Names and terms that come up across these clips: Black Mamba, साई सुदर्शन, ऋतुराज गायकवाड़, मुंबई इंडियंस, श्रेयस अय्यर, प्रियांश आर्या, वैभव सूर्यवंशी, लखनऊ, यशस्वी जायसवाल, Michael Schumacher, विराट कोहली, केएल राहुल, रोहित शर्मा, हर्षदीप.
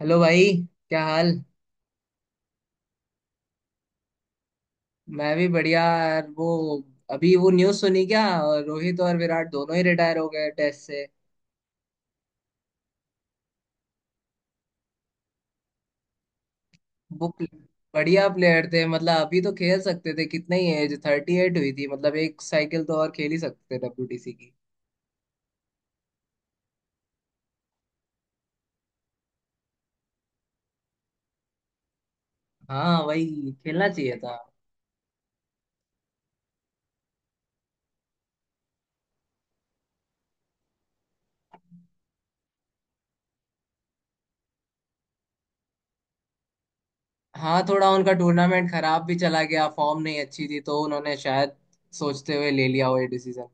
Hello भाई। क्या हाल। मैं भी बढ़िया यार। वो अभी वो न्यूज़ सुनी क्या। रोहित और विराट दोनों ही रिटायर हो गए टेस्ट से। वो प्ले- बढ़िया प्लेयर थे, मतलब अभी तो खेल सकते थे, कितने ही एज 38 हुई थी, मतलब एक साइकिल तो और खेल ही सकते थे डब्ल्यूटीसी की। हाँ, वही खेलना चाहिए था। हाँ, थोड़ा उनका टूर्नामेंट खराब भी चला गया, फॉर्म नहीं अच्छी थी, तो उन्होंने शायद सोचते हुए ले लिया वो ये डिसीजन।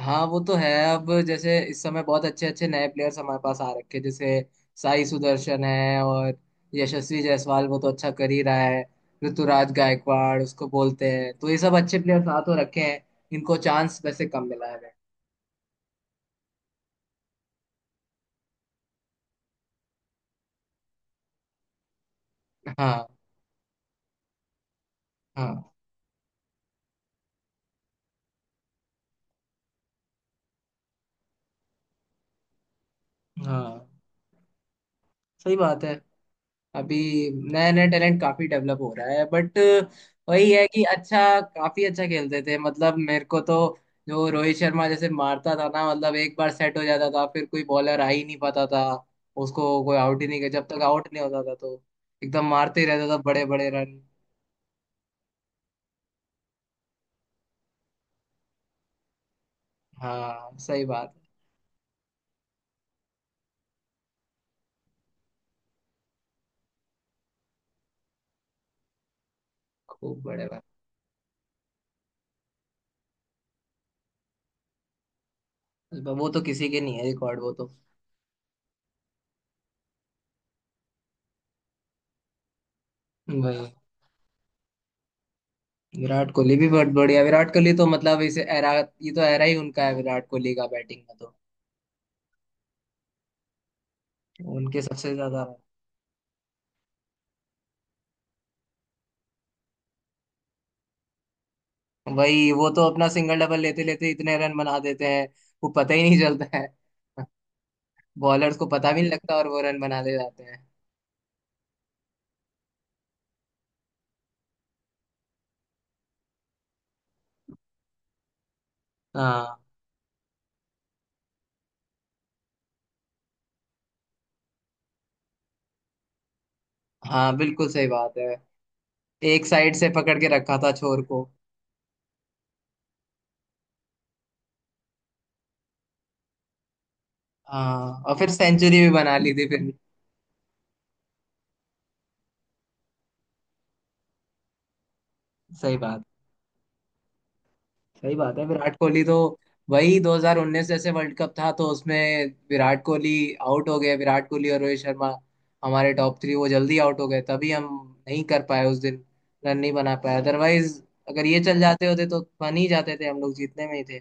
हाँ, वो तो है। अब जैसे इस समय बहुत अच्छे अच्छे नए प्लेयर्स हमारे पास आ रखे हैं, जैसे साई सुदर्शन है, और यशस्वी जायसवाल वो तो अच्छा कर ही रहा है। ऋतुराज गायकवाड़ उसको बोलते हैं, तो ये सब अच्छे प्लेयर्स आ तो रखे हैं। इनको चांस वैसे कम मिला है। हाँ, हाँ, हाँ, सही बात है। अभी नया नया टैलेंट काफी डेवलप हो रहा है, बट वही है कि अच्छा, काफी अच्छा खेलते थे मतलब, मेरे को तो जो रोहित शर्मा जैसे मारता था ना, मतलब एक बार सेट हो जाता था फिर कोई बॉलर आ ही नहीं पाता था। उसको कोई आउट ही नहीं कर, जब तक आउट नहीं होता था तो एकदम मारते ही रहता था, बड़े बड़े रन। हाँ, सही बात। खूब बड़े बात। वो तो किसी के नहीं है रिकॉर्ड, वो तो। भाई, विराट कोहली भी बहुत बढ़िया। विराट कोहली तो मतलब इसे एरा, ये तो एरा ही उनका है, विराट कोहली का बैटिंग का तो। उनके सबसे ज्यादा। वही, वो तो अपना सिंगल डबल लेते लेते इतने रन बना देते हैं, वो पता ही नहीं चलता है। बॉलर्स को पता भी नहीं लगता और वो रन बना ले जाते हैं। हाँ, हाँ, बिल्कुल सही बात है। एक साइड से पकड़ के रखा था छोर को। हाँ, और फिर सेंचुरी भी बना ली थी फिर। सही बात, सही बात है विराट कोहली तो। वही 2019 जैसे वर्ल्ड कप था, तो उसमें विराट कोहली आउट हो गए। विराट कोहली और रोहित शर्मा, हमारे टॉप थ्री वो जल्दी आउट हो गए, तभी हम नहीं कर पाए उस दिन, रन नहीं बना पाए। अदरवाइज अगर ये चल जाते होते तो बन ही जाते थे, हम लोग जीतने में ही थे।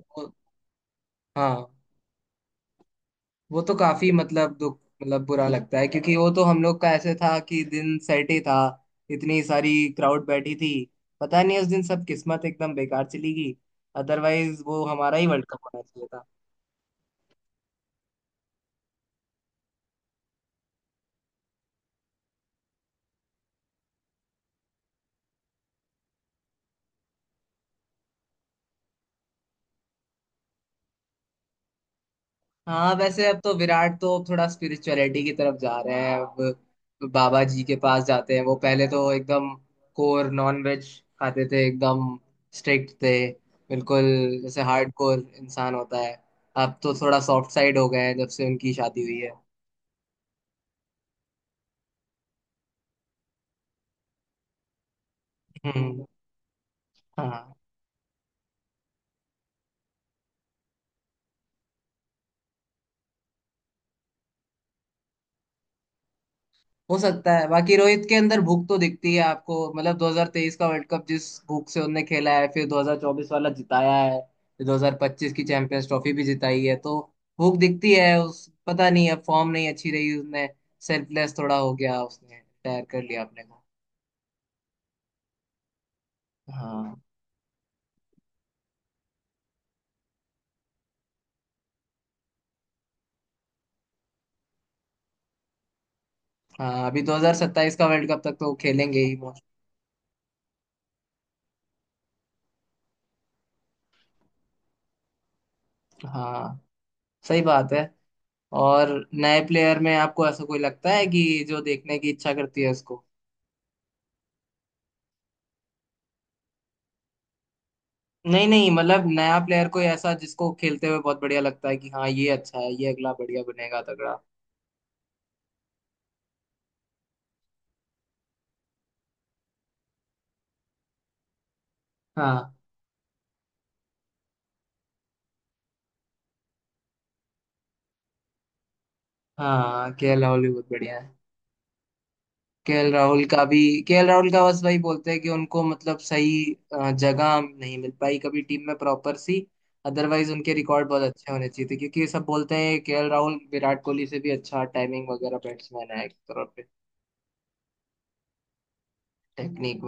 तो, हाँ, वो तो काफी मतलब दुख, मतलब बुरा लगता है, क्योंकि वो तो हम लोग का ऐसे था कि दिन सेट ही था। इतनी सारी क्राउड बैठी थी, पता नहीं उस दिन सब किस्मत एकदम बेकार चली गई, अदरवाइज वो हमारा ही वर्ल्ड कप होना चाहिए था। हाँ, वैसे अब तो विराट तो अब थोड़ा स्पिरिचुअलिटी की तरफ जा रहे हैं, अब बाबा जी के पास जाते हैं। वो पहले तो एकदम कोर नॉन वेज खाते थे, एकदम स्ट्रिक्ट थे, बिल्कुल जैसे हार्डकोर इंसान होता है। अब तो थोड़ा सॉफ्ट साइड हो गए हैं, जब से उनकी शादी हुई है। हम्म। हाँ, हो सकता है। बाकी रोहित के अंदर भूख तो दिखती है आपको, मतलब 2023 का वर्ल्ड कप जिस भूख से उनने खेला है, फिर 2024 वाला जिताया है, फिर 2025 की चैंपियंस ट्रॉफी भी जिताई है, तो भूख दिखती है उस। पता नहीं, अब फॉर्म नहीं अच्छी रही उसने, सेल्फलेस थोड़ा हो गया, उसने रिटायर कर लिया अपने को। हाँ, हाँ, अभी 2027 का वर्ल्ड कप तक तो वो खेलेंगे ही most। हाँ, सही बात है। और नए प्लेयर में आपको ऐसा कोई लगता है कि जो देखने की इच्छा करती है। नहीं, नहीं, मतलब नया प्लेयर कोई ऐसा जिसको खेलते हुए बहुत बढ़िया लगता है कि हाँ ये अच्छा है, ये अगला बढ़िया बनेगा तगड़ा। हाँ, हाँ, केएल राहुल भी बहुत बढ़िया है। केएल राहुल का भी, केएल राहुल का बस वही बोलते हैं कि उनको मतलब सही जगह नहीं मिल पाई कभी टीम में प्रॉपर सी। अदरवाइज उनके रिकॉर्ड बहुत अच्छे होने चाहिए थे, क्योंकि ये सब बोलते हैं केएल राहुल विराट कोहली से भी अच्छा टाइमिंग वगैरह बैट्समैन है, एक तरह पे। टेक्निक।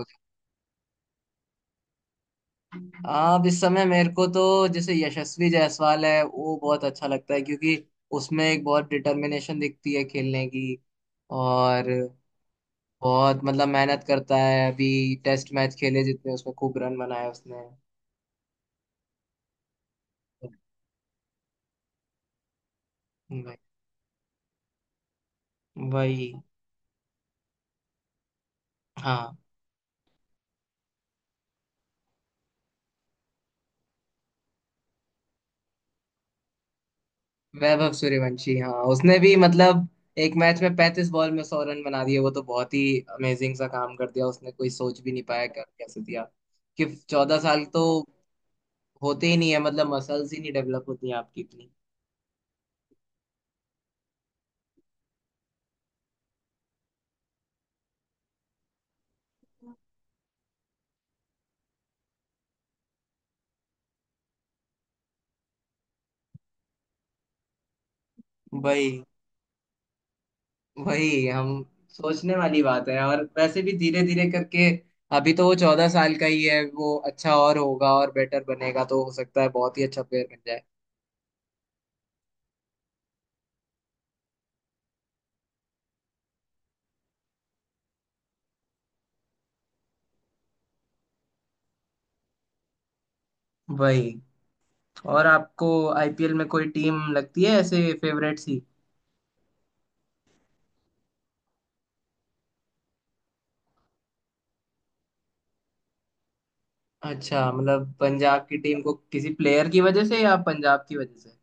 अब इस समय मेरे को तो जैसे यशस्वी जायसवाल है, वो बहुत अच्छा लगता है क्योंकि उसमें एक बहुत डिटर्मिनेशन दिखती है खेलने की। और बहुत मतलब मेहनत करता है, अभी टेस्ट मैच खेले जितने, उसमें खूब रन बनाए उसने। वही वही, हाँ, वैभव सूर्यवंशी, हाँ उसने भी मतलब एक मैच में 35 बॉल में 100 रन बना दिए। वो तो बहुत ही अमेजिंग सा काम कर दिया उसने, कोई सोच भी नहीं पाया कर कैसे दिया। कि 14 साल तो होते ही नहीं है, मतलब मसल्स ही नहीं डेवलप होती हैं आपकी इतनी। भाई, वही हम सोचने वाली बात है। और वैसे भी धीरे धीरे करके, अभी तो वो 14 साल का ही है, वो अच्छा और होगा और बेटर बनेगा, तो हो सकता है बहुत ही अच्छा प्लेयर बन जाए। वही, और आपको आईपीएल में कोई टीम लगती है ऐसे फेवरेट सी। अच्छा, मतलब पंजाब की टीम को किसी प्लेयर की वजह से, या पंजाब की वजह से।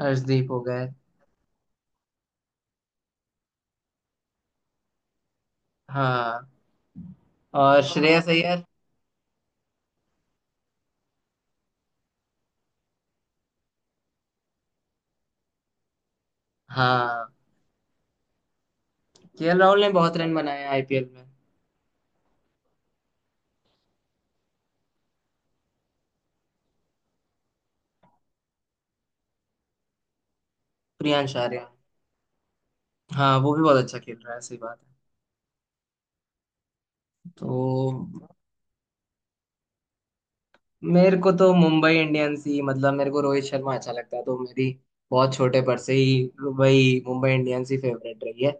हर्षदीप हो गए। हाँ, और श्रेयस अय्यर। हाँ, केएल राहुल ने बहुत रन बनाए आईपीएल में। प्रियांश आर्या, हाँ वो भी बहुत अच्छा खेल रहा है, सही बात है। तो मेरे को तो मुंबई इंडियंस ही, मतलब मेरे को रोहित शर्मा अच्छा लगता है, तो मेरी बहुत छोटे पर से ही वही मुंबई इंडियंस ही फेवरेट रही है।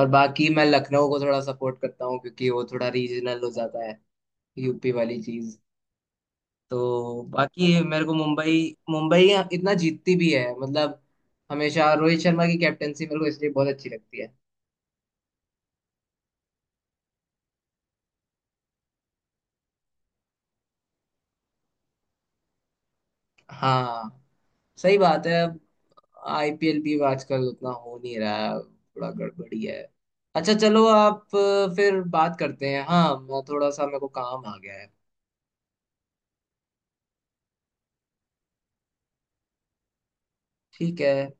और बाकी मैं लखनऊ को थोड़ा सपोर्ट करता हूँ, क्योंकि वो थोड़ा रीजनल हो जाता है, यूपी वाली चीज। तो बाकी मेरे को मुंबई, मुंबई इतना जीतती भी है मतलब। हमेशा रोहित शर्मा की कैप्टनसी मेरे को इसलिए बहुत अच्छी लगती है। हाँ, सही बात है। अब आईपीएल भी आजकल उतना हो नहीं रहा है, थोड़ा गड़बड़ी है। अच्छा चलो, आप फिर बात करते हैं। हाँ, मैं थोड़ा सा, मेरे को काम आ गया है। ठीक है।